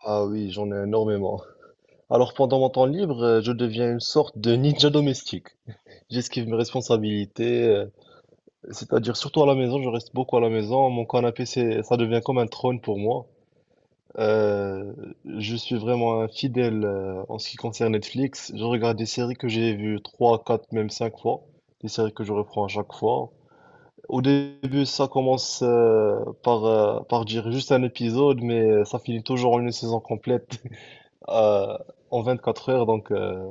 Ah oui, j'en ai énormément. Alors pendant mon temps libre, je deviens une sorte de ninja domestique. J'esquive mes responsabilités, c'est-à-dire surtout à la maison, je reste beaucoup à la maison. Mon canapé, ça devient comme un trône pour moi. Euh, je suis vraiment un fidèle en ce qui concerne Netflix. Je regarde des séries que j'ai vues 3, 4, même 5 fois. Des séries que je reprends à chaque fois. Au début, ça commence par dire juste un épisode, mais ça finit toujours en une saison complète euh, en 24 heures. Donc,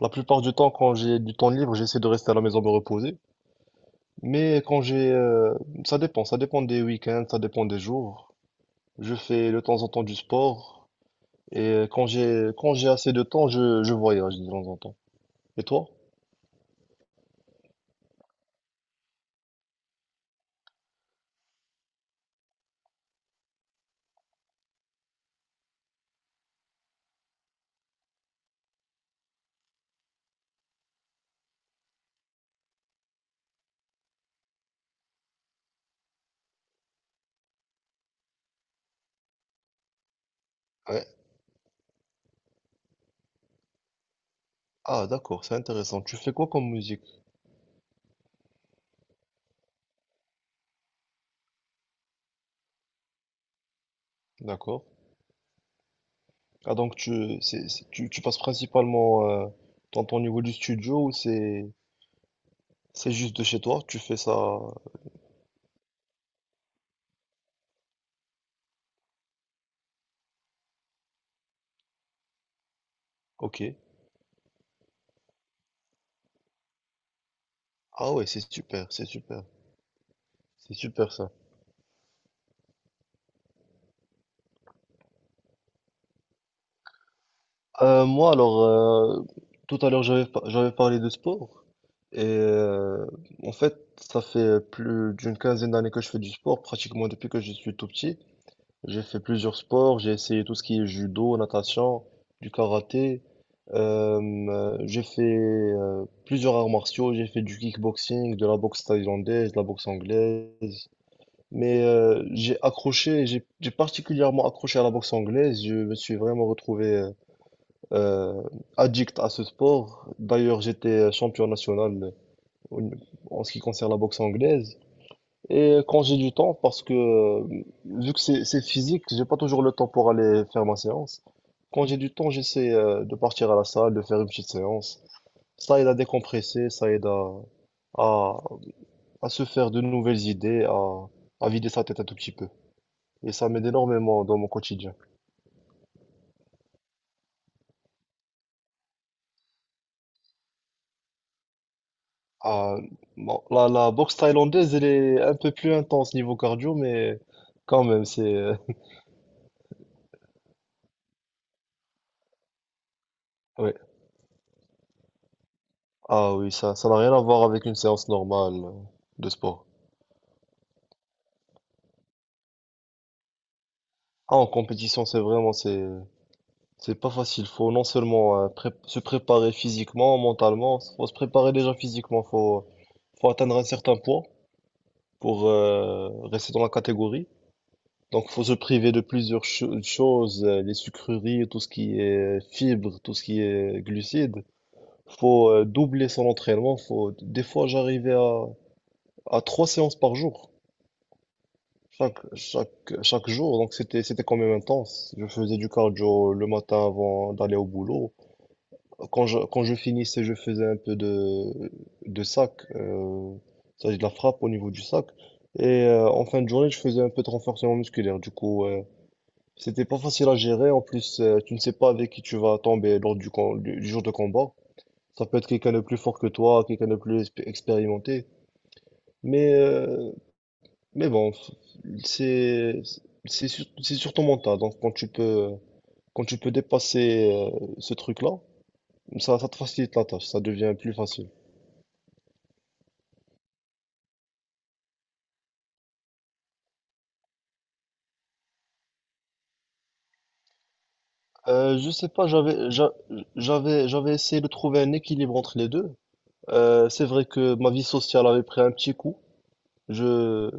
la plupart du temps, quand j'ai du temps libre, j'essaie de rester à la maison me reposer. Mais ça dépend des week-ends, ça dépend des jours. Je fais de temps en temps du sport et quand j'ai assez de temps, je voyage de temps en temps. Et toi? Ouais. Ah, d'accord, c'est intéressant. Tu fais quoi comme musique? D'accord. Ah, donc tu, c'est- tu passes principalement dans ton niveau du studio ou c'est juste de chez toi? Tu fais ça? Ok. Ah ouais, c'est super, c'est super, c'est super ça. Moi alors, tout à l'heure j'avais parlé de sport et en fait ça fait plus d'une quinzaine d'années que je fais du sport, pratiquement depuis que je suis tout petit. J'ai fait plusieurs sports, j'ai essayé tout ce qui est judo, natation, du karaté. Euh, j'ai fait plusieurs arts martiaux, j'ai fait du kickboxing, de la boxe thaïlandaise, de la boxe anglaise. Mais j'ai accroché, j'ai particulièrement accroché à la boxe anglaise. Je me suis vraiment retrouvé euh, addict à ce sport. D'ailleurs, j'étais champion national au- en ce qui concerne la boxe anglaise. Et quand j'ai du temps, parce que vu que c'est physique, j'ai pas toujours le temps pour aller faire ma séance. Quand j'ai du temps, j'essaie de partir à la salle, de faire une petite séance. Ça aide à décompresser, ça aide à, à, à, se faire de nouvelles idées, à vider sa tête un tout petit peu. Et ça m'aide énormément dans mon quotidien. Ah, bon, la boxe thaïlandaise, elle est un peu plus intense niveau cardio, mais quand même, c'est... ouais. Ah oui, ça n'a rien à voir avec une séance normale de sport. Ah, en compétition, c'est pas facile. Faut non seulement se préparer physiquement, mentalement, faut se préparer déjà physiquement, faut atteindre un certain poids pour rester dans la catégorie. Donc, faut se priver de plusieurs choses, les sucreries, tout ce qui est fibres, tout ce qui est glucides. Faut doubler son entraînement. Des fois, j'arrivais à trois séances par jour, chaque, chaque, chaque jour. Donc, c'était quand même intense. Je faisais du cardio le matin avant d'aller au boulot. Quand je finissais, je faisais un peu de sac, de la frappe au niveau du sac. Et en fin de journée, je faisais un peu de renforcement musculaire. Du coup, c'était pas facile à gérer. En plus, tu ne sais pas avec qui tu vas tomber lors du jour de combat. Ça peut être quelqu'un de plus fort que toi, quelqu'un de plus expérimenté. Mais, euh, mais bon, c'est, c'est sur ton mental. Donc, quand tu peux dépasser ce truc-là, ça te facilite la tâche. Ça devient plus facile. Je sais pas, j'avais essayé de trouver un équilibre entre les deux. C'est vrai que ma vie sociale avait pris un petit coup. Je,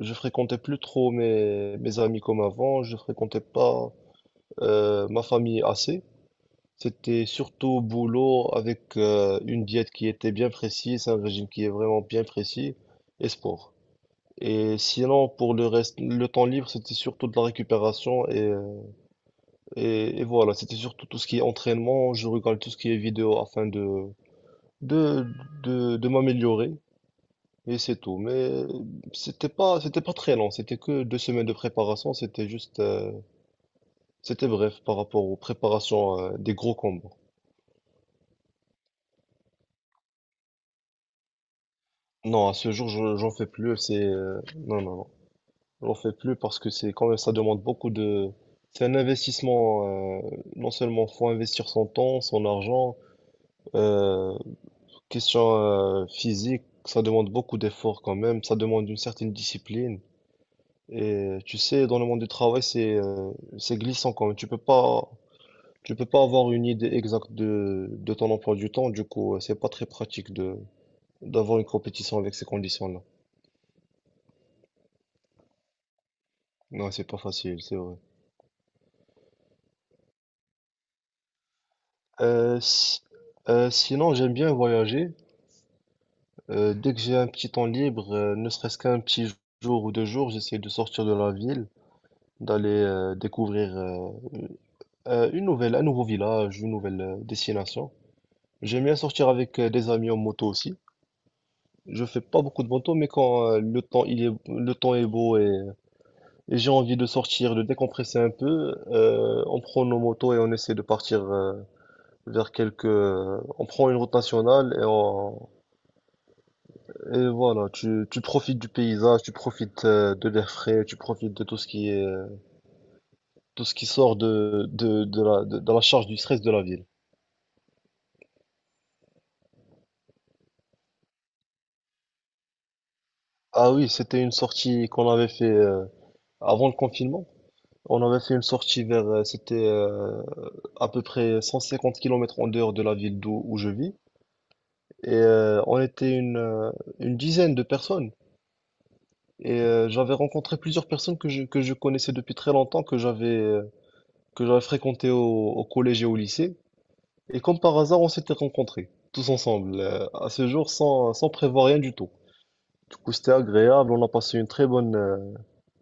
je fréquentais plus trop mes amis comme avant, je fréquentais pas ma famille assez. C'était surtout boulot avec une diète qui était bien précise, un régime qui est vraiment bien précis et sport. Et sinon, pour le reste, le temps libre, c'était surtout de la récupération et voilà, c'était surtout tout ce qui est entraînement. Je regarde tout ce qui est vidéo afin de, de m'améliorer. Et c'est tout. Mais c'était pas très long. C'était que 2 semaines de préparation. C'était juste, c'était bref par rapport aux préparations des gros combats. Non, à ce jour, j'en fais plus. Non, non, non, j'en fais plus parce que c'est quand même, ça demande beaucoup de. C'est un investissement. Non seulement faut investir son temps, son argent. euh, question physique, ça demande beaucoup d'efforts quand même. Ça demande une certaine discipline. Et tu sais, dans le monde du travail, c'est glissant quand même. Tu peux pas avoir une idée exacte de ton emploi du temps, du coup, c'est pas très pratique de d'avoir une compétition avec ces conditions-là. Non, c'est pas facile, c'est vrai. Euh, si- Sinon, j'aime bien voyager. Dès que j'ai un petit temps libre, ne serait-ce qu'un petit jour ou 2 jours, j'essaie de sortir de la ville, d'aller découvrir un nouveau village, une nouvelle destination. J'aime bien sortir avec des amis en moto aussi. Je fais pas beaucoup de moto, mais quand le temps est beau et j'ai envie de sortir, de décompresser un peu. On prend nos motos et on essaie de partir vers quelques. On prend une route nationale et on. Et voilà, tu profites du paysage, tu profites de l'air frais, tu profites de tout ce qui est tout ce qui sort de la charge du stress de la ville. Ah oui, c'était une sortie qu'on avait fait avant le confinement. On avait fait une sortie vers. C'était à peu près 150 km en dehors de la ville d'où où je vis. Et on était une dizaine de personnes. Et j'avais rencontré plusieurs personnes que je connaissais depuis très longtemps, que j'avais fréquenté au collège et au lycée. Et comme par hasard, on s'était rencontrés, tous ensemble, à ce jour, sans prévoir rien du tout. Du coup, c'était agréable, on a passé une très bonne...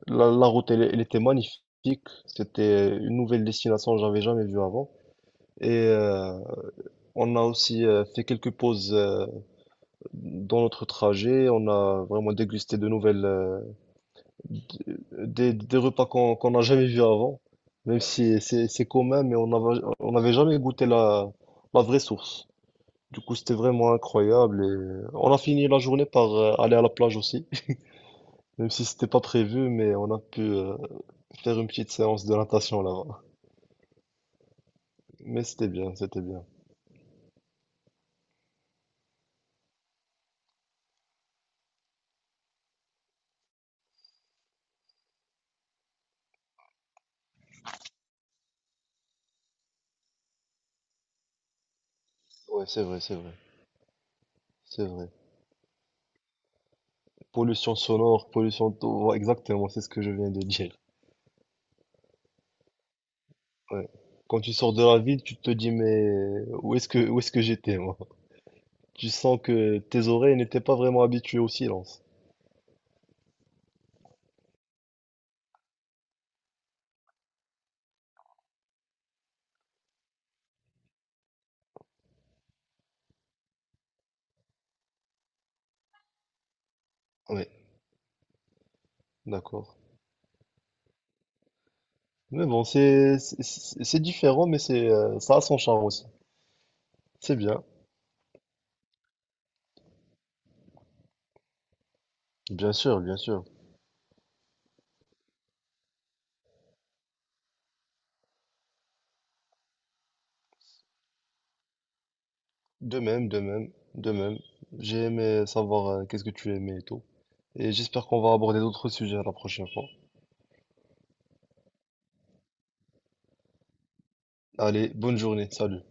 La route, elle était magnifique. C'était une nouvelle destination que j'avais jamais vue avant. Et on a aussi fait quelques pauses dans notre trajet, on a vraiment dégusté de nouvelles, d- des repas qu'on n'a jamais vus avant, même si c'est commun, mais on n'avait jamais goûté la vraie source. Du coup, c'était vraiment incroyable et on a fini la journée par aller à la plage aussi, même si c'était pas prévu, mais on a pu faire une petite séance de natation là-bas. Mais c'était bien, c'était bien. Ouais, c'est vrai, c'est vrai, c'est vrai. Pollution sonore, pollution, d'eau, ouais, exactement, c'est ce que je viens de dire. Ouais. Quand tu sors de la ville, tu te dis mais où est-ce que j'étais moi? Tu sens que tes oreilles n'étaient pas vraiment habituées au silence. Oui, d'accord. Mais bon, c'est différent, mais c'est ça a son charme aussi. C'est bien, bien sûr, bien sûr. De même, de même, de même. J'ai aimé savoir qu'est-ce que tu aimais et tout. Et j'espère qu'on va aborder d'autres sujets la prochaine fois. Allez, bonne journée, salut.